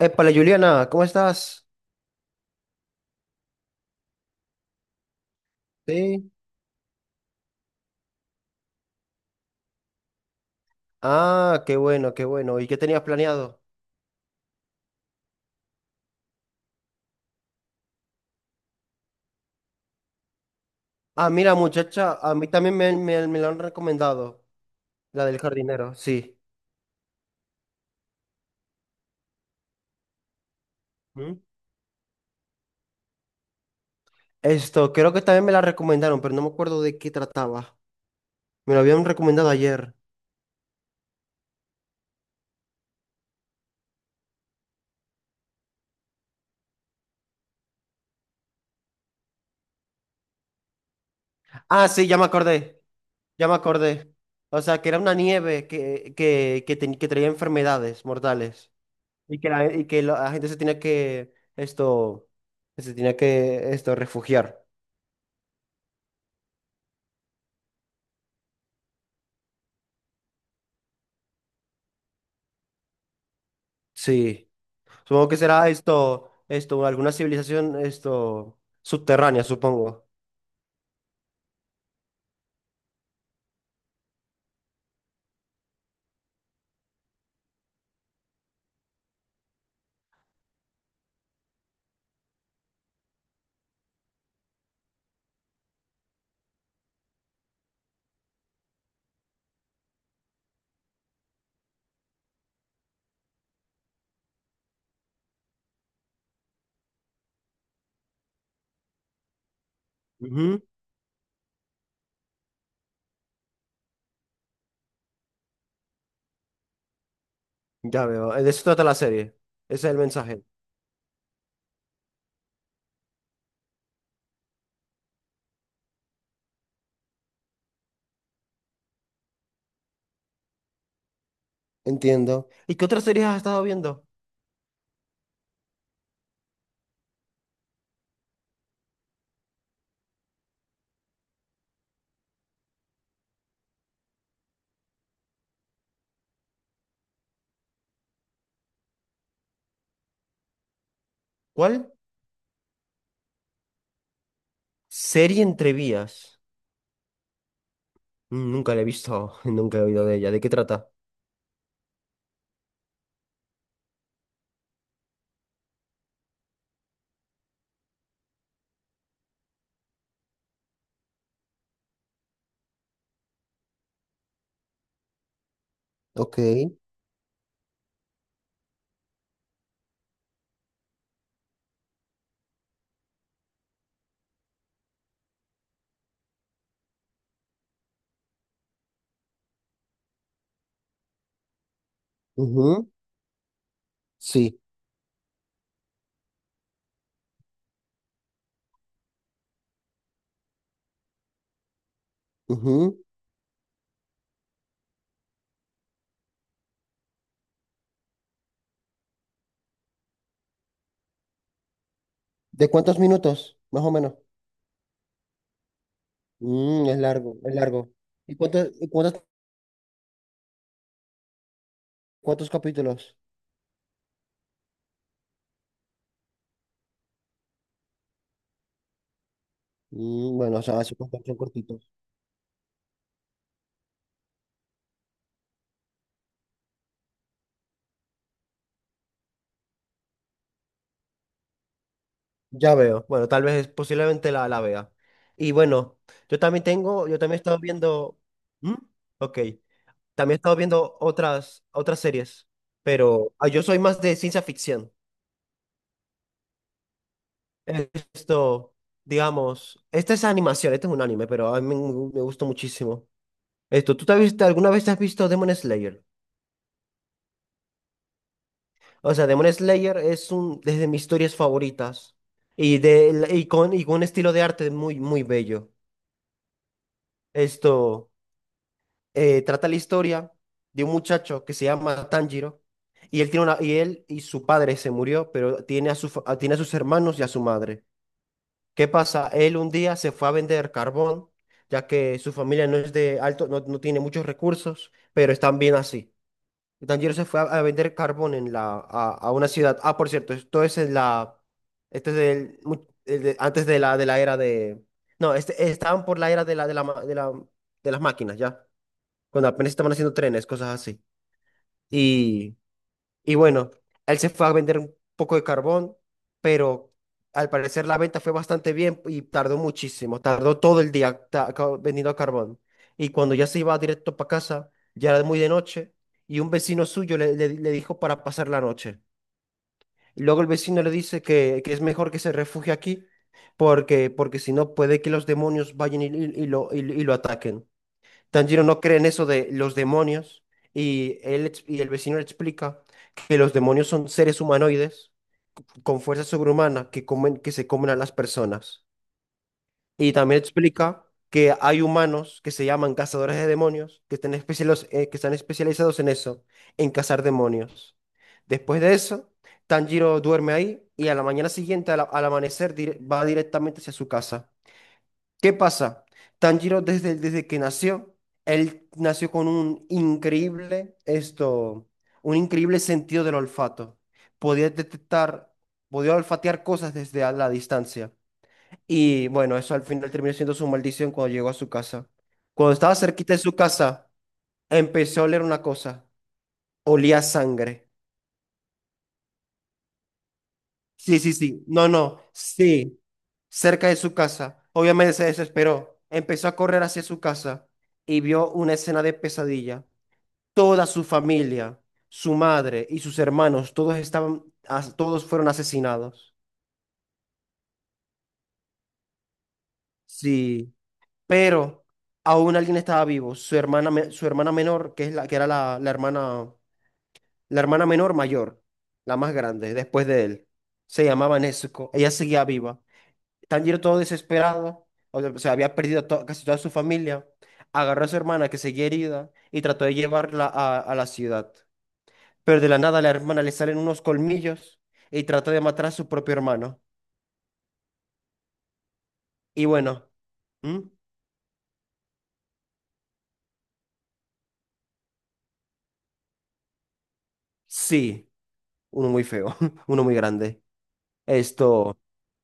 Épale, Juliana, ¿cómo estás? Sí. Ah, qué bueno, qué bueno. ¿Y qué tenías planeado? Ah, mira, muchacha, a mí también me la han recomendado, la del jardinero, sí. ¿Mm? Creo que también me la recomendaron, pero no me acuerdo de qué trataba. Me lo habían recomendado ayer. Ah, sí, ya me acordé, ya me acordé. O sea, que era una nieve que traía enfermedades mortales. Y que la, y que la gente se tenía que se tenía que refugiar. Sí. Supongo que será alguna civilización, subterránea, supongo. Ujú. Ya veo, de eso trata la serie. Ese es el mensaje. Entiendo. ¿Y qué otras series has estado viendo? ¿Cuál? Serie entre vías. Mm, nunca la he visto, nunca he oído de ella. ¿De qué trata? Ok. Ujú. Sí. Ujú. ¿De cuántos minutos? Más o menos. Mm, es largo, es largo. Y cuántos, cuántos capítulos? Mm, bueno, o sea, así son cortitos. Ya veo. Bueno, tal vez posiblemente la vea. Y bueno, yo también tengo, yo también he estado viendo. ¿Mm? Ok. También he estado viendo otras, otras series, pero ah, yo soy más de ciencia ficción. Esto, digamos, esta es animación, este es un anime, pero a mí me gustó muchísimo. ¿Tú te has visto, alguna vez te has visto Demon Slayer? O sea, Demon Slayer es de mis historias favoritas y con un estilo de arte muy, muy bello. Esto. Trata la historia de un muchacho que se llama Tanjiro y él y su padre se murió, pero tiene a tiene a sus hermanos y a su madre. ¿Qué pasa? Él un día se fue a vender carbón, ya que su familia no, no tiene muchos recursos, pero están bien así. Y Tanjiro se fue a vender carbón en a una ciudad. Ah, por cierto, esto es en la esto es del mu- el de- antes de la era de no, este, estaban por la era de la ma- de la de las máquinas, ya cuando apenas estaban haciendo trenes, cosas así. Y, y bueno, él se fue a vender un poco de carbón, pero al parecer la venta fue bastante bien y tardó muchísimo, tardó todo el día vendiendo carbón. Y cuando ya se iba directo para casa, ya era muy de noche, y un vecino suyo le dijo para pasar la noche. Y luego el vecino le dice que es mejor que se refugie aquí, porque si no puede que los demonios vayan y lo ataquen. Tanjiro no cree en eso de los demonios y el vecino le explica que los demonios son seres humanoides con fuerza sobrehumana que se comen a las personas. Y también explica que hay humanos que se llaman cazadores de demonios que están especializados en eso, en cazar demonios. Después de eso, Tanjiro duerme ahí y a la mañana siguiente, al amanecer, va directamente hacia su casa. ¿Qué pasa? Tanjiro desde que nació, él nació con un increíble, un increíble sentido del olfato. Podía detectar, Podía olfatear cosas desde a la distancia. Y bueno, eso al final terminó siendo su maldición cuando llegó a su casa. Cuando estaba cerquita de su casa, empezó a oler una cosa. Olía a sangre. Sí, sí, sí. No, no. Sí. Cerca de su casa. Obviamente se desesperó, empezó a correr hacia su casa y vio una escena de pesadilla. Toda su familia, su madre y sus hermanos, todos fueron asesinados. Sí, pero aún alguien estaba vivo, su hermana menor, que es la que era la hermana menor mayor, la más grande, después de él. Se llamaba Nezuko, ella seguía viva. Tanjiro todo desesperado, o sea, había perdido casi toda su familia, agarró a su hermana que seguía herida y trató de llevarla a la ciudad. Pero de la nada a la hermana le salen unos colmillos y trata de matar a su propio hermano. Y bueno, ¿m? Sí, uno muy feo, uno muy grande. Esto,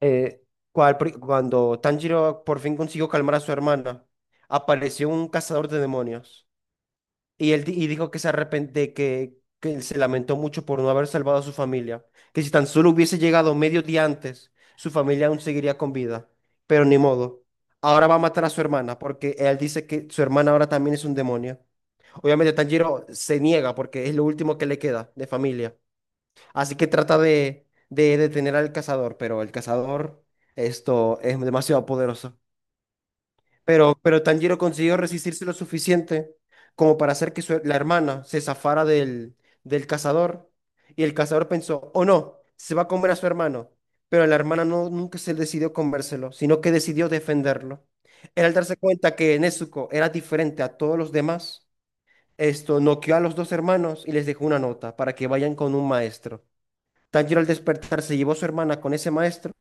eh, cuando Tanjiro por fin consiguió calmar a su hermana, apareció un cazador de demonios. Y dijo que se arrepente, que él se lamentó mucho por no haber salvado a su familia, que si tan solo hubiese llegado medio día antes, su familia aún seguiría con vida, pero ni modo. Ahora va a matar a su hermana porque él dice que su hermana ahora también es un demonio. Obviamente Tanjiro se niega porque es lo último que le queda de familia. Así que trata de detener al cazador, pero el cazador, esto es demasiado poderoso. Pero Tanjiro consiguió resistirse lo suficiente como para hacer que la hermana se zafara del cazador. Y el cazador pensó, oh no, se va a comer a su hermano. Pero la hermana no, nunca se decidió comérselo, sino que decidió defenderlo. Él al darse cuenta que Nezuko era diferente a todos los demás, esto noqueó a los dos hermanos y les dejó una nota para que vayan con un maestro. Tanjiro al despertar se llevó a su hermana con ese maestro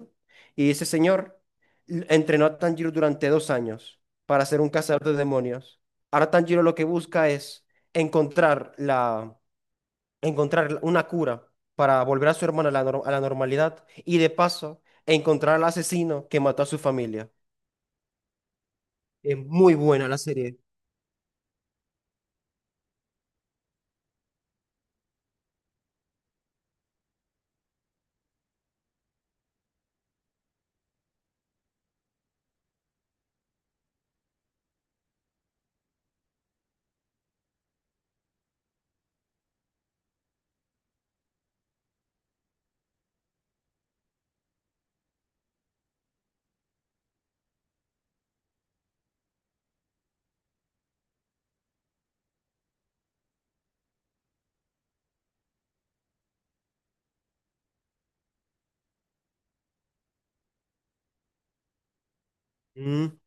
y ese señor entrenó a Tanjiro durante 2 años para ser un cazador de demonios. Ahora Tanjiro lo que busca es encontrar la, encontrar una cura para volver a su hermana a la, nor- a la normalidad y de paso encontrar al asesino que mató a su familia. Es muy buena la serie. Mm.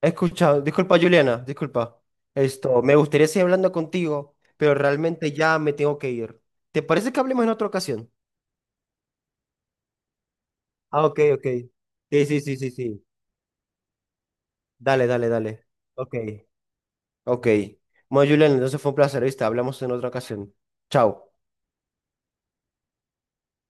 He escuchado, disculpa Juliana, disculpa. Me gustaría seguir hablando contigo, pero realmente ya me tengo que ir. ¿Te parece que hablemos en otra ocasión? Ah, ok, ok. Sí, sí, sí, sí, sí. Dale, dale, dale. Ok. Ok. Bueno, Julián, entonces fue un placer, ¿viste? Hablamos en otra ocasión. Chao.